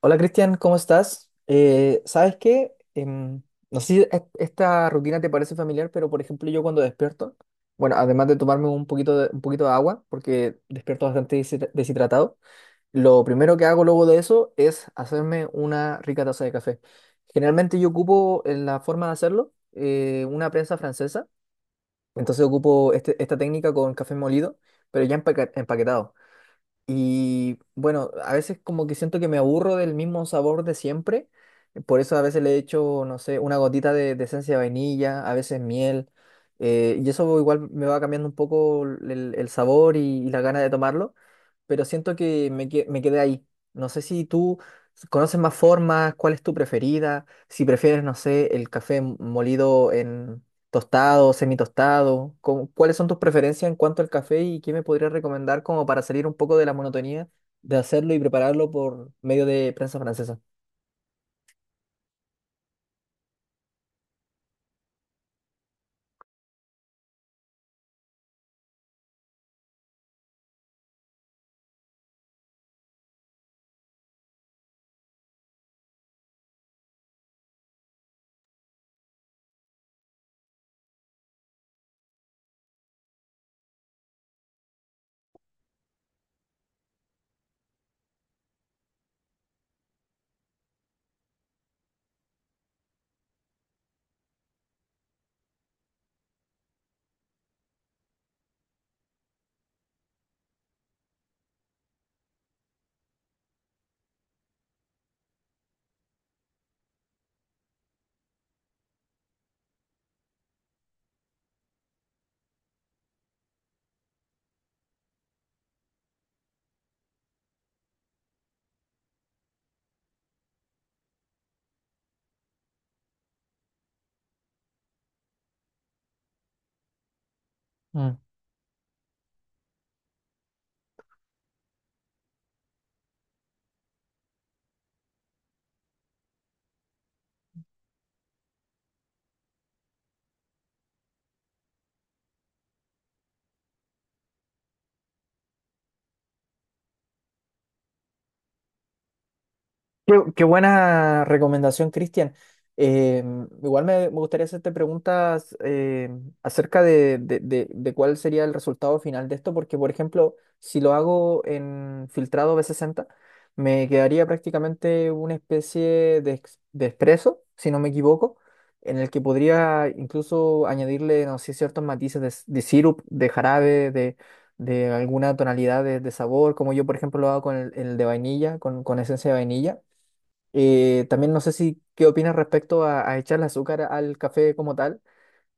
Hola Cristian, ¿cómo estás? ¿Sabes qué? No sé si esta rutina te parece familiar, pero por ejemplo yo cuando despierto, bueno, además de tomarme un poquito de un poquito de agua, porque despierto bastante deshidratado, lo primero que hago luego de eso es hacerme una rica taza de café. Generalmente yo ocupo en la forma de hacerlo una prensa francesa, entonces ocupo esta técnica con café molido, pero ya empaquetado. Y bueno, a veces como que siento que me aburro del mismo sabor de siempre. Por eso a veces le echo, no sé, una gotita de esencia de vainilla, a veces miel. Y eso igual me va cambiando un poco el sabor y la gana de tomarlo. Pero siento que me quedé ahí. No sé si tú conoces más formas, cuál es tu preferida, si prefieres, no sé, el café molido. ¿Tostado, semitostado? ¿Cuáles son tus preferencias en cuanto al café y qué me podrías recomendar como para salir un poco de la monotonía de hacerlo y prepararlo por medio de prensa francesa? Qué, qué buena recomendación, Cristian. Eh, Igual me gustaría hacerte preguntas acerca de cuál sería el resultado final de esto, porque, por ejemplo, si lo hago en filtrado B60, me quedaría prácticamente una especie de espresso, si no me equivoco, en el que podría incluso añadirle, no sé, ciertos matices de sirup, de jarabe, de alguna tonalidad de sabor, como yo, por ejemplo, lo hago con el de vainilla, con esencia de vainilla. También no sé si qué opinas respecto a echarle azúcar al café como tal.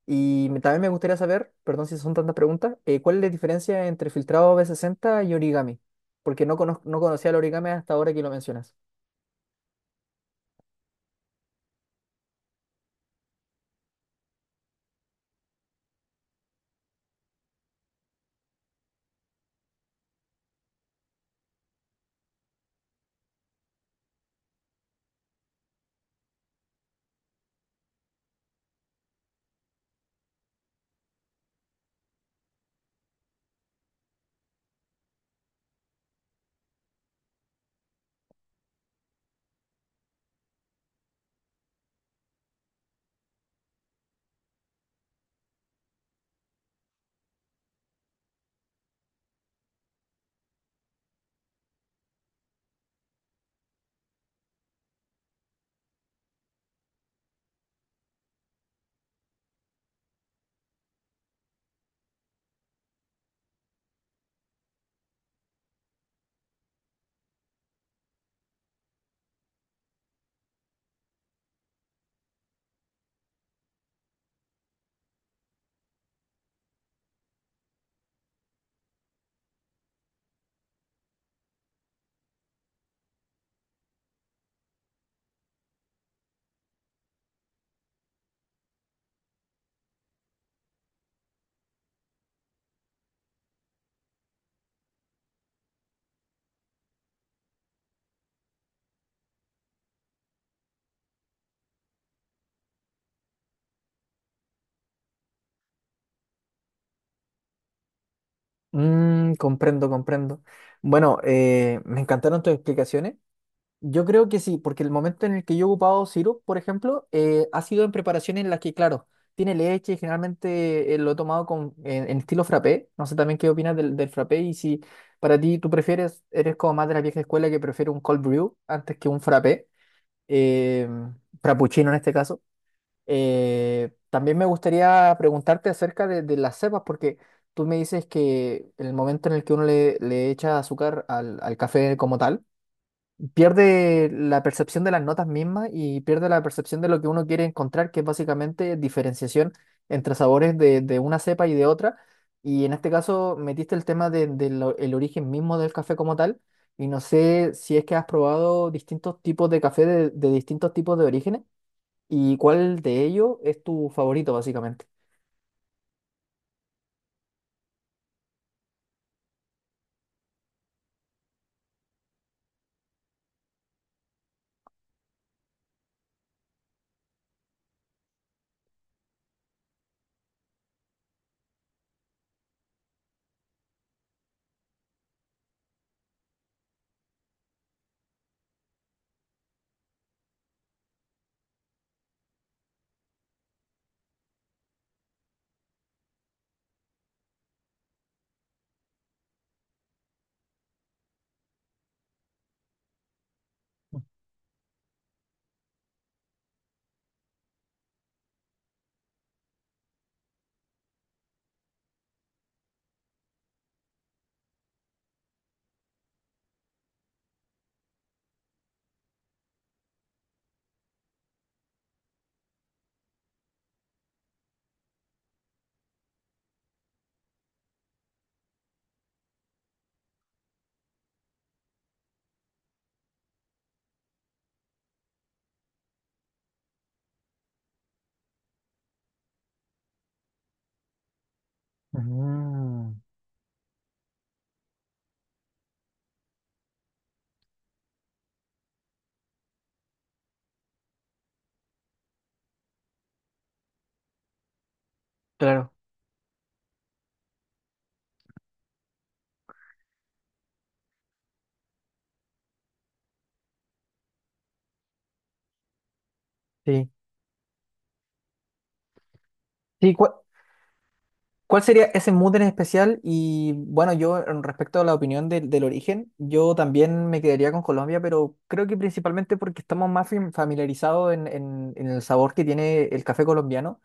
Y también me gustaría saber, perdón si son tantas preguntas, ¿cuál es la diferencia entre filtrado B60 y origami? Porque no, no conocía el origami hasta ahora que lo mencionas. Mm, comprendo, comprendo. Bueno, me encantaron tus explicaciones. Yo creo que sí, porque el momento en el que yo he ocupado sirup, por ejemplo, ha sido en preparaciones en las que, claro, tiene leche y generalmente lo he tomado en estilo frappé. No sé también qué opinas del frappé y si para ti tú prefieres, eres como más de la vieja escuela que prefiere un cold brew antes que un frappé, eh, frappuccino en este caso. También me gustaría preguntarte acerca de las cepas, porque tú me dices que el momento en el que uno le echa azúcar al al café como tal, pierde la percepción de las notas mismas y pierde la percepción de lo que uno quiere encontrar, que es básicamente diferenciación entre sabores de una cepa y de otra. Y en este caso metiste el tema del el origen mismo del café como tal. Y no sé si es que has probado distintos tipos de café de distintos tipos de orígenes y cuál de ellos es tu favorito, básicamente. Mm, claro, sí. Sí, ¿cuál sería ese mood en especial? Y bueno, yo en respecto a la opinión del del origen, yo también me quedaría con Colombia, pero creo que principalmente porque estamos más familiarizados en el sabor que tiene el café colombiano,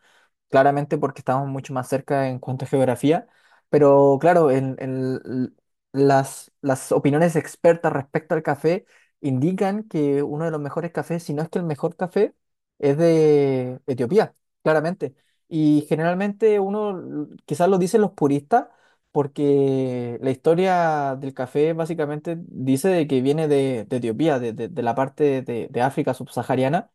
claramente porque estamos mucho más cerca en cuanto a geografía, pero claro, las opiniones expertas respecto al café indican que uno de los mejores cafés, si no es que el mejor café, es de Etiopía, claramente. Y generalmente uno quizás lo dicen los puristas porque la historia del café básicamente dice de que viene de Etiopía, de la parte de África subsahariana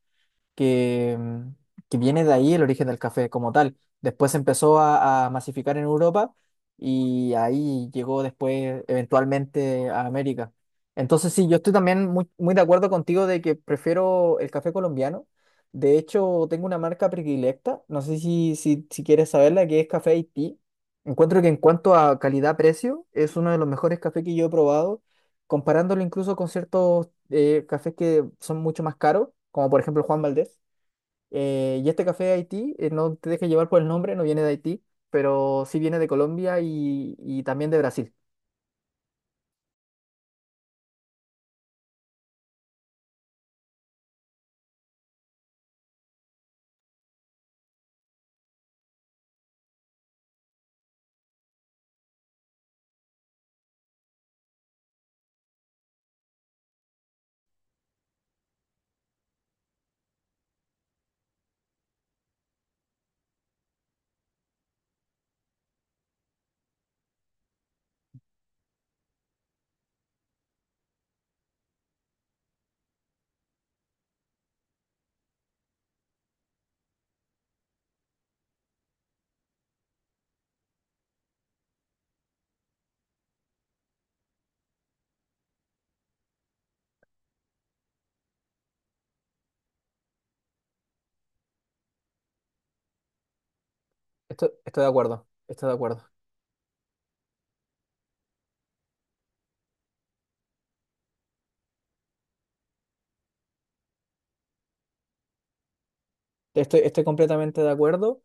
que, mm, que viene de ahí el origen del café como tal. Después se empezó a masificar en Europa y ahí llegó después eventualmente a América. Entonces sí, yo estoy también muy, muy de acuerdo contigo de que prefiero el café colombiano. De hecho, tengo una marca predilecta, no sé si quieres saberla, que es Café Haití. Encuentro que en cuanto a calidad-precio, es uno de los mejores cafés que yo he probado, comparándolo incluso con ciertos cafés que son mucho más caros, como por ejemplo Juan Valdez, y este café de Haití, no te dejes llevar por el nombre, no viene de Haití, pero sí viene de Colombia y también de Brasil. Estoy de acuerdo, estoy de acuerdo. Estoy, estoy completamente de acuerdo.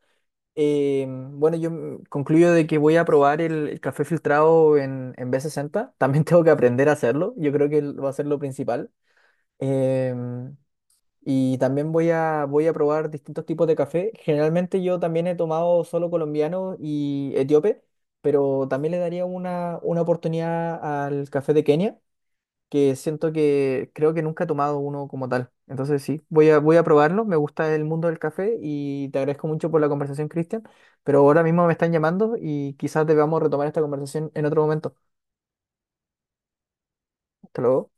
Bueno, yo mm, concluyo de que voy a probar el café filtrado en B60 También tengo que aprender a hacerlo. Yo creo que va a ser lo principal. Em, y también voy voy a probar distintos tipos de café. Generalmente yo también he tomado solo colombiano y etíope, pero también le daría una oportunidad al café de Kenia, que siento que creo que nunca he tomado uno como tal. Entonces sí, voy voy a probarlo. Me gusta el mundo del café y te agradezco mucho por la conversación, Cristian, pero ahora mismo me están llamando y quizás debamos retomar esta conversación en otro momento. Hasta luego.